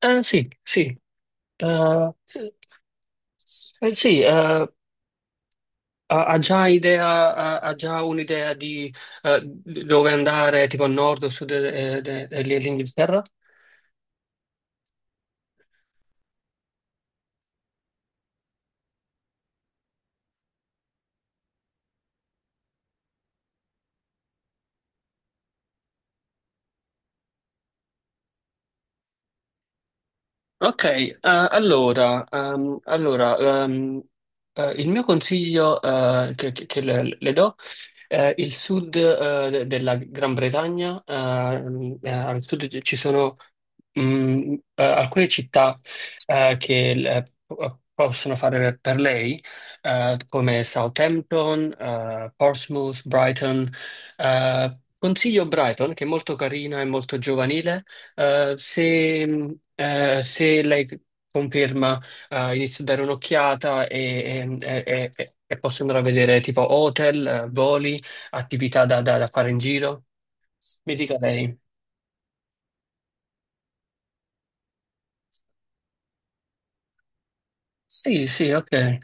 Sì, sì, sì, sì. Ha già idea, ha già un'idea di dove andare, tipo a nord o sud dell'Inghilterra? Ok, allora, allora, ehm, il mio consiglio, che le do è il sud, della Gran Bretagna. Al sud ci sono alcune città che possono fare per lei, come Southampton, Portsmouth, Brighton. Consiglio Brighton, che è molto carina e molto giovanile. Se lei conferma, inizio a dare un'occhiata e, e posso andare a vedere tipo hotel, voli, attività da, da fare in giro. Mi dica lei. Sì, sì, ok. Eh,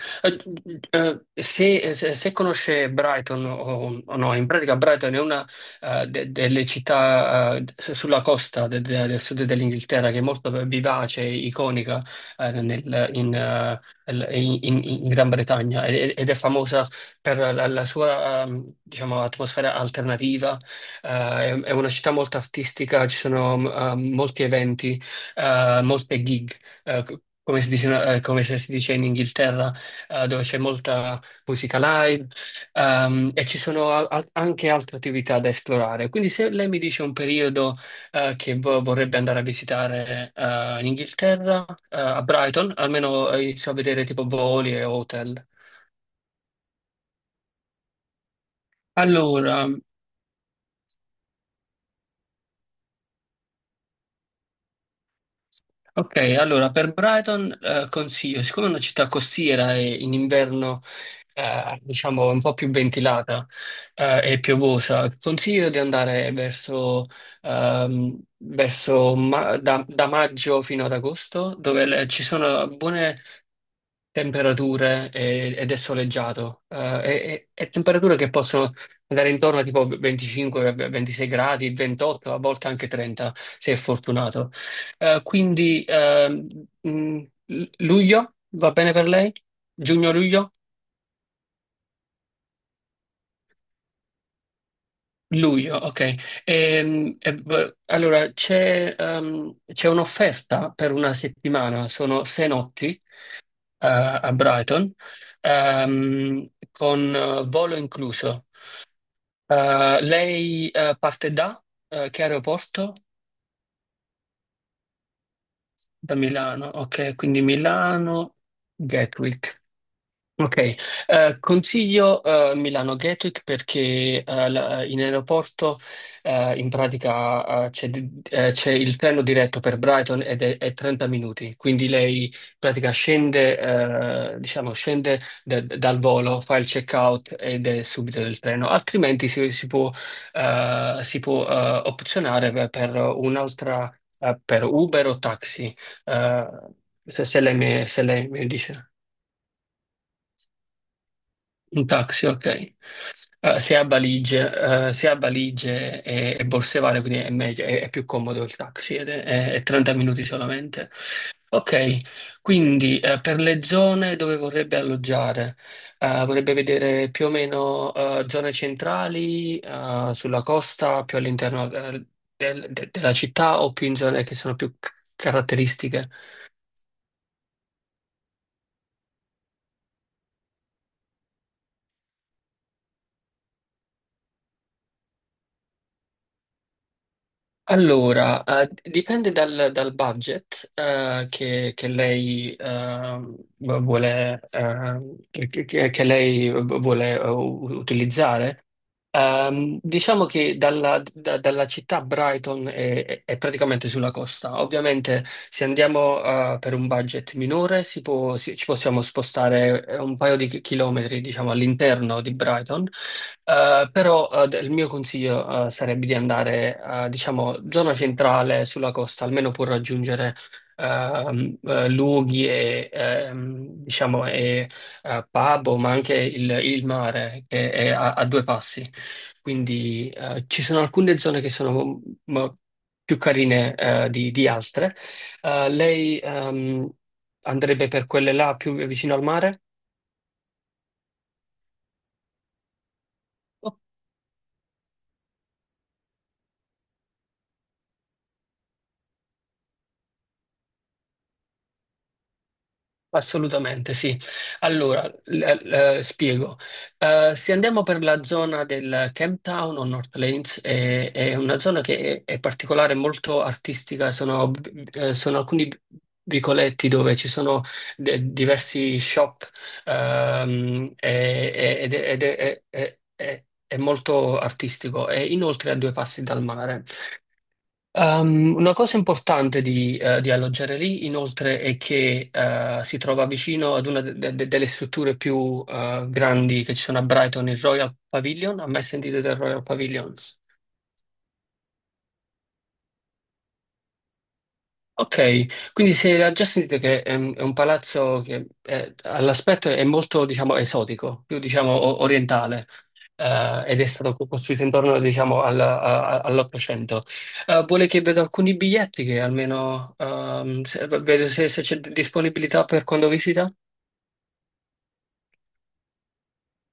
eh, se, se- se conosce Brighton o no, in pratica Brighton è una delle città sulla costa del sud dell'Inghilterra, che è molto vivace, iconica, in Gran Bretagna, ed è famosa per la sua, diciamo, atmosfera alternativa. È una città molto artistica, ci sono, molti eventi, molte gig, come si dice, come se si dice in Inghilterra, dove c'è molta musica live, e ci sono, anche altre attività da esplorare. Quindi se lei mi dice un periodo, che vorrebbe andare a visitare, in Inghilterra, a Brighton, almeno inizio a vedere tipo voli e hotel. Allora, ok, allora per Brighton, consiglio, siccome è una città costiera e in inverno, diciamo, un po' più ventilata, e piovosa, consiglio di andare verso, da maggio fino ad agosto, dove ci sono buone temperature ed è soleggiato, e temperature che possono andare intorno a tipo 25, 26 gradi, 28, a volte anche 30, se è fortunato. Quindi, mh, luglio va bene per lei? Giugno-luglio? Luglio, ok. Allora c'è un'offerta per una settimana, sono 6 notti a Brighton, con volo incluso. Lei parte da, che aeroporto? Da Milano, ok, quindi Milano, Gatwick. Ok, consiglio Milano Gatwick, perché in aeroporto, in pratica, c'è il treno diretto per Brighton, ed è 30 minuti. Quindi lei in pratica scende, diciamo, scende dal volo, fa il check-out ed è subito del treno. Altrimenti si può, opzionare per un'altra, per Uber o taxi, eh, se lei mi dice. Un taxi, ok. Se ha valigie e borse varie, quindi è meglio, è più comodo il taxi, sì, ed è 30 minuti solamente. Ok, quindi, per le zone dove vorrebbe alloggiare, vorrebbe vedere più o meno, zone centrali, sulla costa, più all'interno, della città, o più in zone che sono più caratteristiche. Allora, dipende dal budget, che lei vuole, che lei vuole utilizzare. Diciamo che dalla città Brighton è praticamente sulla costa. Ovviamente, se andiamo, per un budget minore, ci possiamo spostare, un paio di chilometri, diciamo, all'interno di Brighton. Però, il mio consiglio, sarebbe di andare, diciamo, zona centrale sulla costa, almeno per raggiungere, luoghi e, diciamo, e pub, ma anche il mare che è a due passi. Quindi ci sono alcune zone che sono più carine di altre. Lei, andrebbe per quelle là più vicino al mare? Assolutamente sì. Allora, spiego. Se andiamo per la zona del Camp Town o North Lanes, è una zona che è particolare, molto artistica. Sono alcuni vicoletti dove ci sono diversi shop, ed è, è molto artistico. E inoltre a due passi dal mare. Una cosa importante di alloggiare lì, inoltre, è che si trova vicino ad una delle strutture più grandi, che ci sono a Brighton, il Royal Pavilion. Ha mai sentito del Royal Pavilion? Ok, quindi se ha già sentito, che è un palazzo che, all'aspetto, è molto, diciamo, esotico, più, diciamo, orientale, ed è stato costruito intorno, diciamo, all'Ottocento. Vuole che vedo alcuni biglietti, che almeno, vedo se c'è disponibilità per quando visita?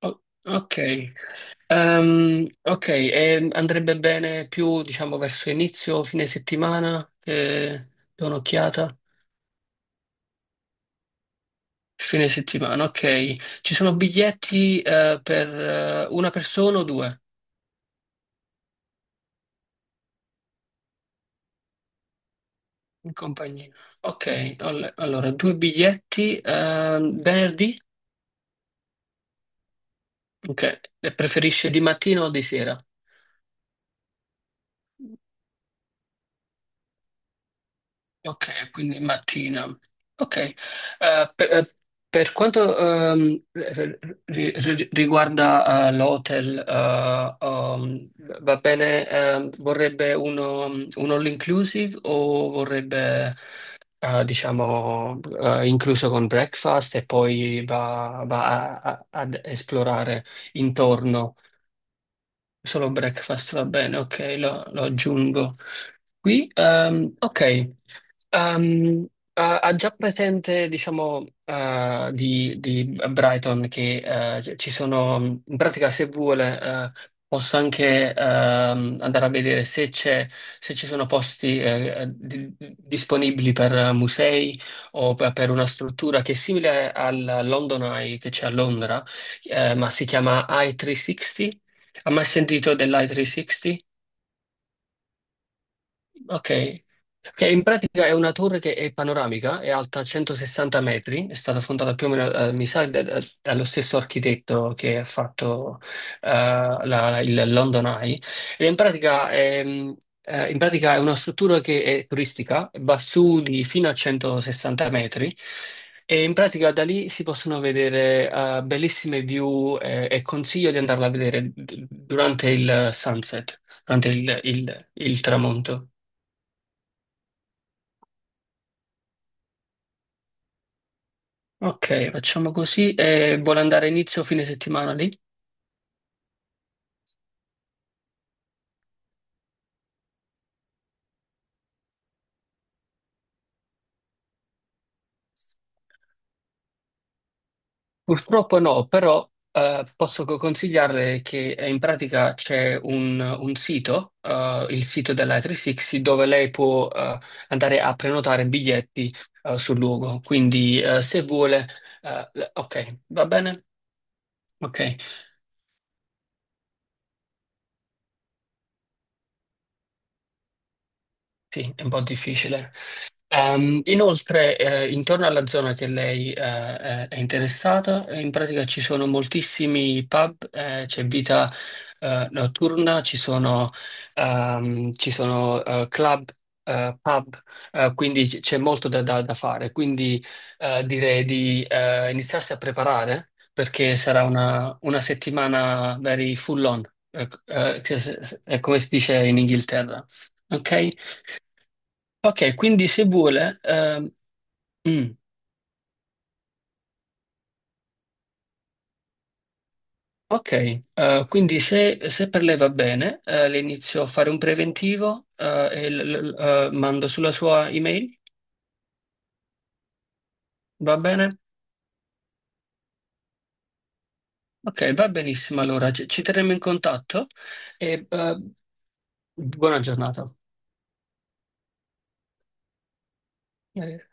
Ok. Ok, e andrebbe bene più, diciamo, verso inizio, fine settimana, che do un'occhiata? Fine settimana, ok. Ci sono biglietti per una persona o due in compagnia? Ok, allora due biglietti, venerdì? Ok, e preferisce di mattina o di sera? Ok, quindi mattina. Ok. Eh, per, eh, per quanto, riguarda, l'hotel, va bene, vorrebbe uno, un all inclusive, o vorrebbe, diciamo, incluso con breakfast e poi va, va ad esplorare intorno? Solo breakfast, va bene, ok, lo aggiungo qui. Ok. Ehm, ha già presente, diciamo, di Brighton, che ci sono, in pratica, se vuole, posso anche, andare a vedere se c'è, se ci sono posti, disponibili per musei o per una struttura che è simile al London Eye, che c'è a Londra, ma si chiama I360. Ha mai sentito dell'i360? Ok. Che in pratica è una torre che è panoramica, è alta 160 metri, è stata fondata più o meno, mi sa, dallo stesso architetto che ha fatto eh, il London Eye. E in pratica, è una struttura che è turistica, va su di fino a 160 metri, e in pratica da lì si possono vedere, bellissime view, e consiglio di andarla a vedere durante il sunset, durante il tramonto. Ok, facciamo così. E vuole andare inizio o fine settimana lì? Purtroppo no, però posso consigliarle che, in pratica, c'è un sito, il sito della 360, dove lei può andare a prenotare biglietti sul luogo. Quindi, se vuole... ok, va bene? Ok, sì, è un po' difficile. Inoltre, intorno alla zona che lei è interessata, in pratica ci sono moltissimi pub, c'è vita notturna. Ci sono, ci sono, club, pub, quindi c'è molto da, da fare. Quindi direi di iniziarsi a preparare, perché sarà una settimana very full on, che se- se- è come si dice in Inghilterra. Ok? Ok, quindi se vuole. Mm, ok. Quindi se per lei va bene, le inizio a fare un preventivo e mando sulla sua email, va bene? Ok, va benissimo, allora ci terremo in contatto e, buona giornata. Eh,